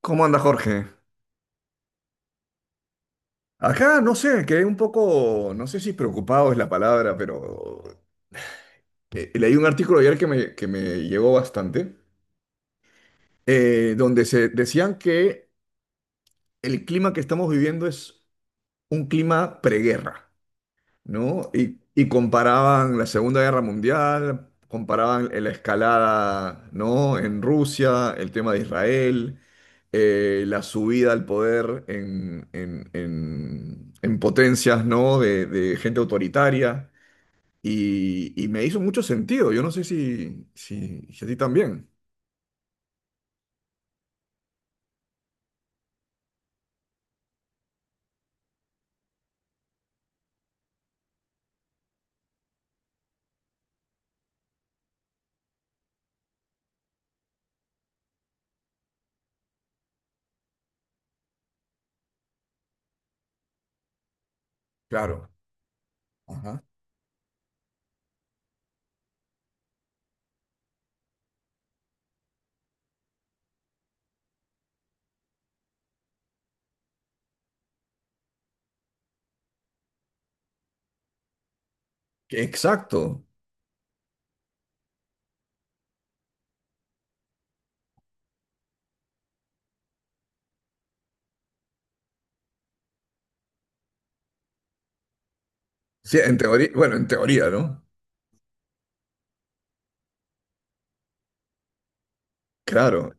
¿Cómo anda Jorge? Acá no sé, quedé un poco, no sé si preocupado es la palabra, pero leí un artículo ayer que me llegó bastante, donde se decían que el clima que estamos viviendo es un clima preguerra, ¿no? Y comparaban la Segunda Guerra Mundial, comparaban la escalada, ¿no? En Rusia, el tema de Israel, la subida al poder en potencias, ¿no? De gente autoritaria. Y me hizo mucho sentido. Yo no sé si a ti también. Claro. Ajá. Exacto. Sí, en teoría, bueno, en teoría, ¿no? Claro,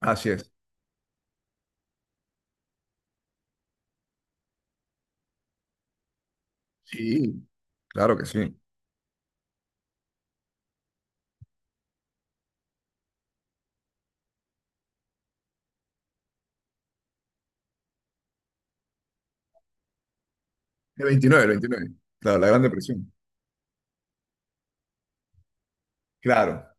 así es. Sí. Claro que sí. El 29. Claro, la Gran Depresión. Claro.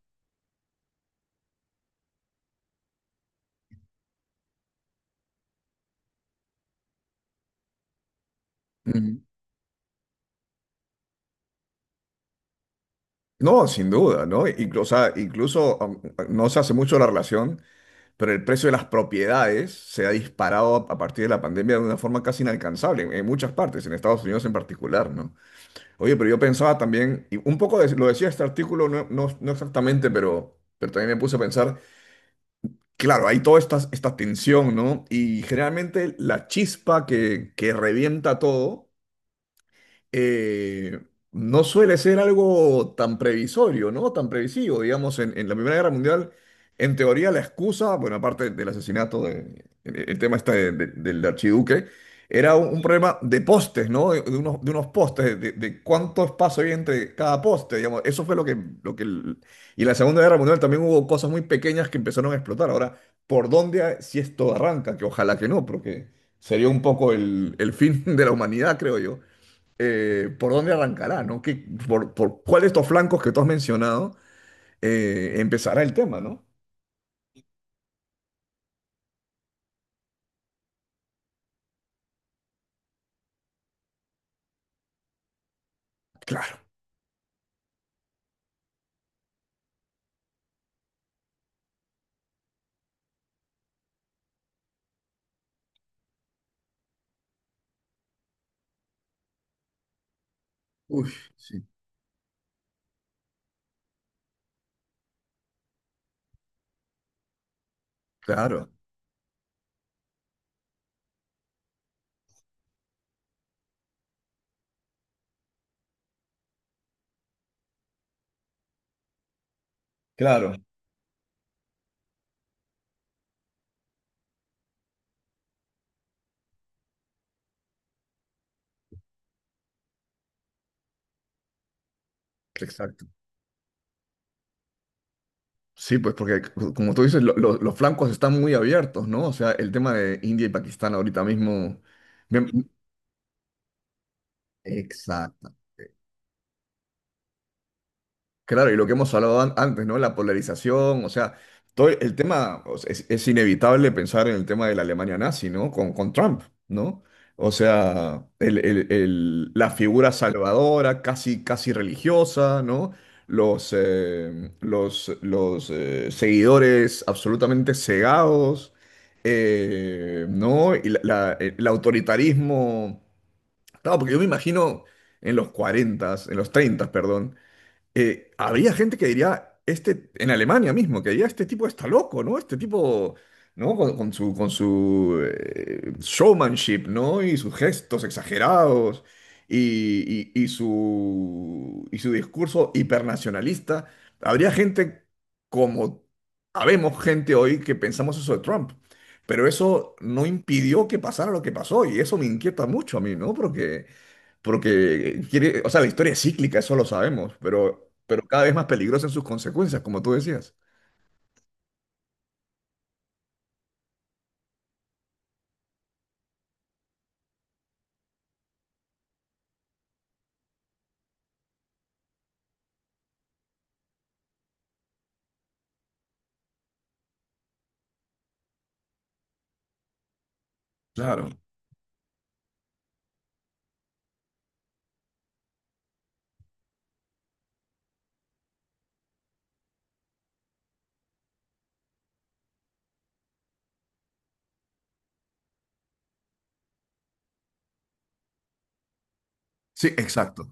Ujú. No, sin duda, ¿no? O sea, incluso, no se hace mucho la relación, pero el precio de las propiedades se ha disparado a partir de la pandemia de una forma casi inalcanzable en muchas partes, en Estados Unidos en particular, ¿no? Oye, pero yo pensaba también, y un poco lo decía este artículo, no exactamente, pero también me puse a pensar, claro, hay toda esta tensión, ¿no? Y generalmente la chispa que revienta todo. eh, no suele ser algo tan previsorio, ¿no? Tan previsivo, digamos, en la Primera Guerra Mundial, en teoría la excusa, bueno, aparte del asesinato, el tema está del archiduque, era un problema de postes, ¿no? De unos postes, de cuánto espacio hay entre cada poste, digamos, eso fue lo que. Y en la Segunda Guerra Mundial también hubo cosas muy pequeñas que empezaron a explotar. Ahora, ¿por dónde, si esto arranca? Que ojalá que no, porque sería un poco el fin de la humanidad, creo yo. ¿Por dónde arrancará? ¿No? ¿Por cuál de estos flancos que tú has mencionado empezará el tema, ¿no? Claro. Uy, sí, claro, claro, exacto. Sí, pues porque como tú dices, los flancos están muy abiertos, ¿no? O sea, el tema de India y Pakistán ahorita mismo. me- Exacto. Claro, y lo que hemos hablado antes, ¿no? La polarización, o sea, todo el tema, o sea, es inevitable pensar en el tema de la Alemania nazi, ¿no? Con Trump, ¿no? O sea, la figura salvadora, casi, casi religiosa, ¿no? Los seguidores absolutamente cegados, ¿no? Y el autoritarismo, claro, porque yo me imagino en los 40, en los 30, perdón, habría gente que diría, este, en Alemania mismo, que diría, este tipo está loco, ¿no? Este tipo, ¿no? Con su showmanship, ¿no? Y sus gestos exagerados y su discurso hipernacionalista. Habría gente como, Habemos gente hoy que pensamos eso de Trump. Pero eso no impidió que pasara lo que pasó y eso me inquieta mucho a mí, ¿no? Porque quiere, o sea, la historia es cíclica, eso lo sabemos, pero cada vez más peligrosa en sus consecuencias, como tú decías. Claro. Sí, exacto.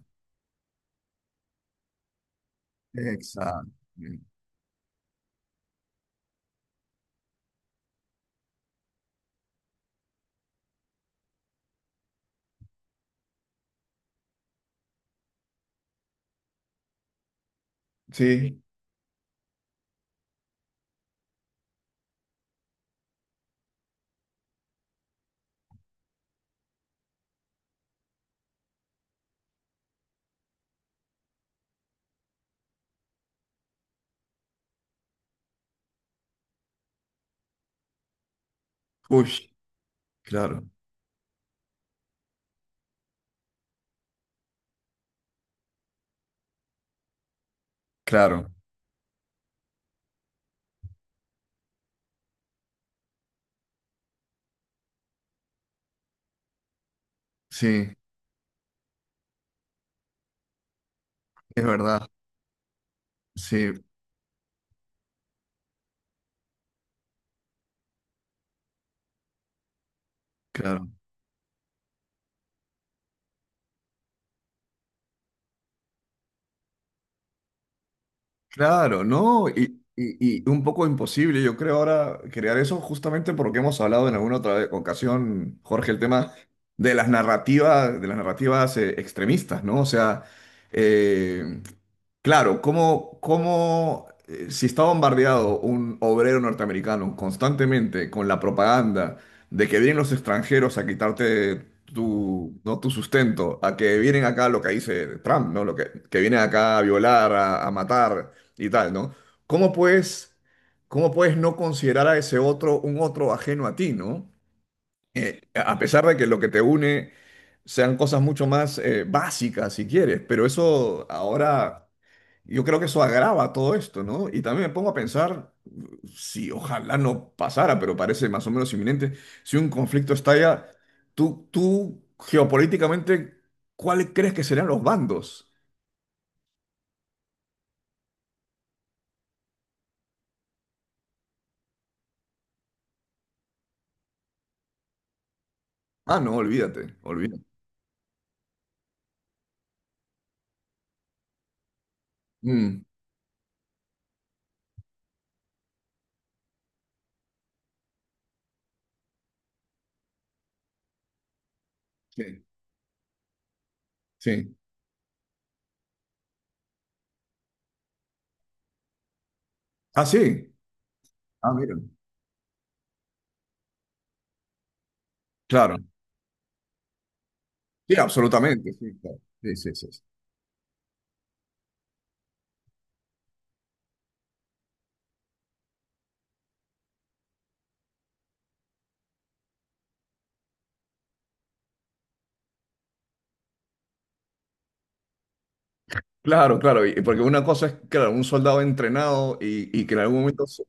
Exacto. Sí. Uy, claro, claro. Sí, es verdad. Sí, claro. Claro, ¿no? Y un poco imposible, yo creo, ahora crear eso justamente porque hemos hablado en alguna otra ocasión, Jorge, el tema de las narrativas, extremistas, ¿no? O sea, eh, claro, ¿cómo, si está bombardeado un obrero norteamericano constantemente con la propaganda de que vienen los extranjeros a quitarte tu, ¿no? tu sustento, a que vienen acá lo que dice Trump, ¿no? Lo que vienen acá a violar, a matar y tal, ¿no? ¿Cómo puedes no considerar a ese otro un otro ajeno a ti, ¿no? A pesar de que lo que te une sean cosas mucho más básicas, si quieres, pero eso ahora, yo creo que eso agrava todo esto, ¿no? Y también me pongo a pensar, si ojalá no pasara, pero parece más o menos inminente, si un conflicto estalla, tú geopolíticamente, ¿cuál crees que serán los bandos? Ah, no, olvídate, olvídate. Mm, sí, sí. Ah, sí. Ah, mira. Claro. Sí, absolutamente. Sí, claro. Sí, sí, sí, sí. Claro, claro. Porque una cosa es, claro, un soldado entrenado y que en algún momento,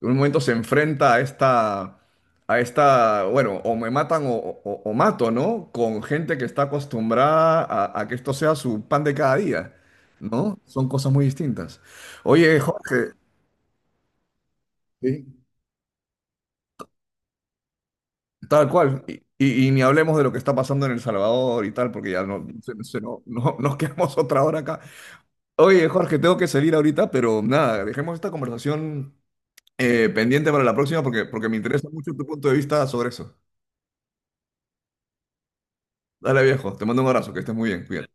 en un momento se enfrenta a esta, bueno, o me matan o mato, ¿no? Con gente que está acostumbrada a que esto sea su pan de cada día, ¿no? Son cosas muy distintas. Oye, Jorge, sí, tal cual. Y ni hablemos de lo que está pasando en El Salvador y tal, porque ya no, nos quedamos otra hora acá. Oye, Jorge, tengo que salir ahorita, pero nada, dejemos esta conversación pendiente para la próxima porque, me interesa mucho tu punto de vista sobre eso. Dale, viejo, te mando un abrazo, que estés muy bien, cuídate.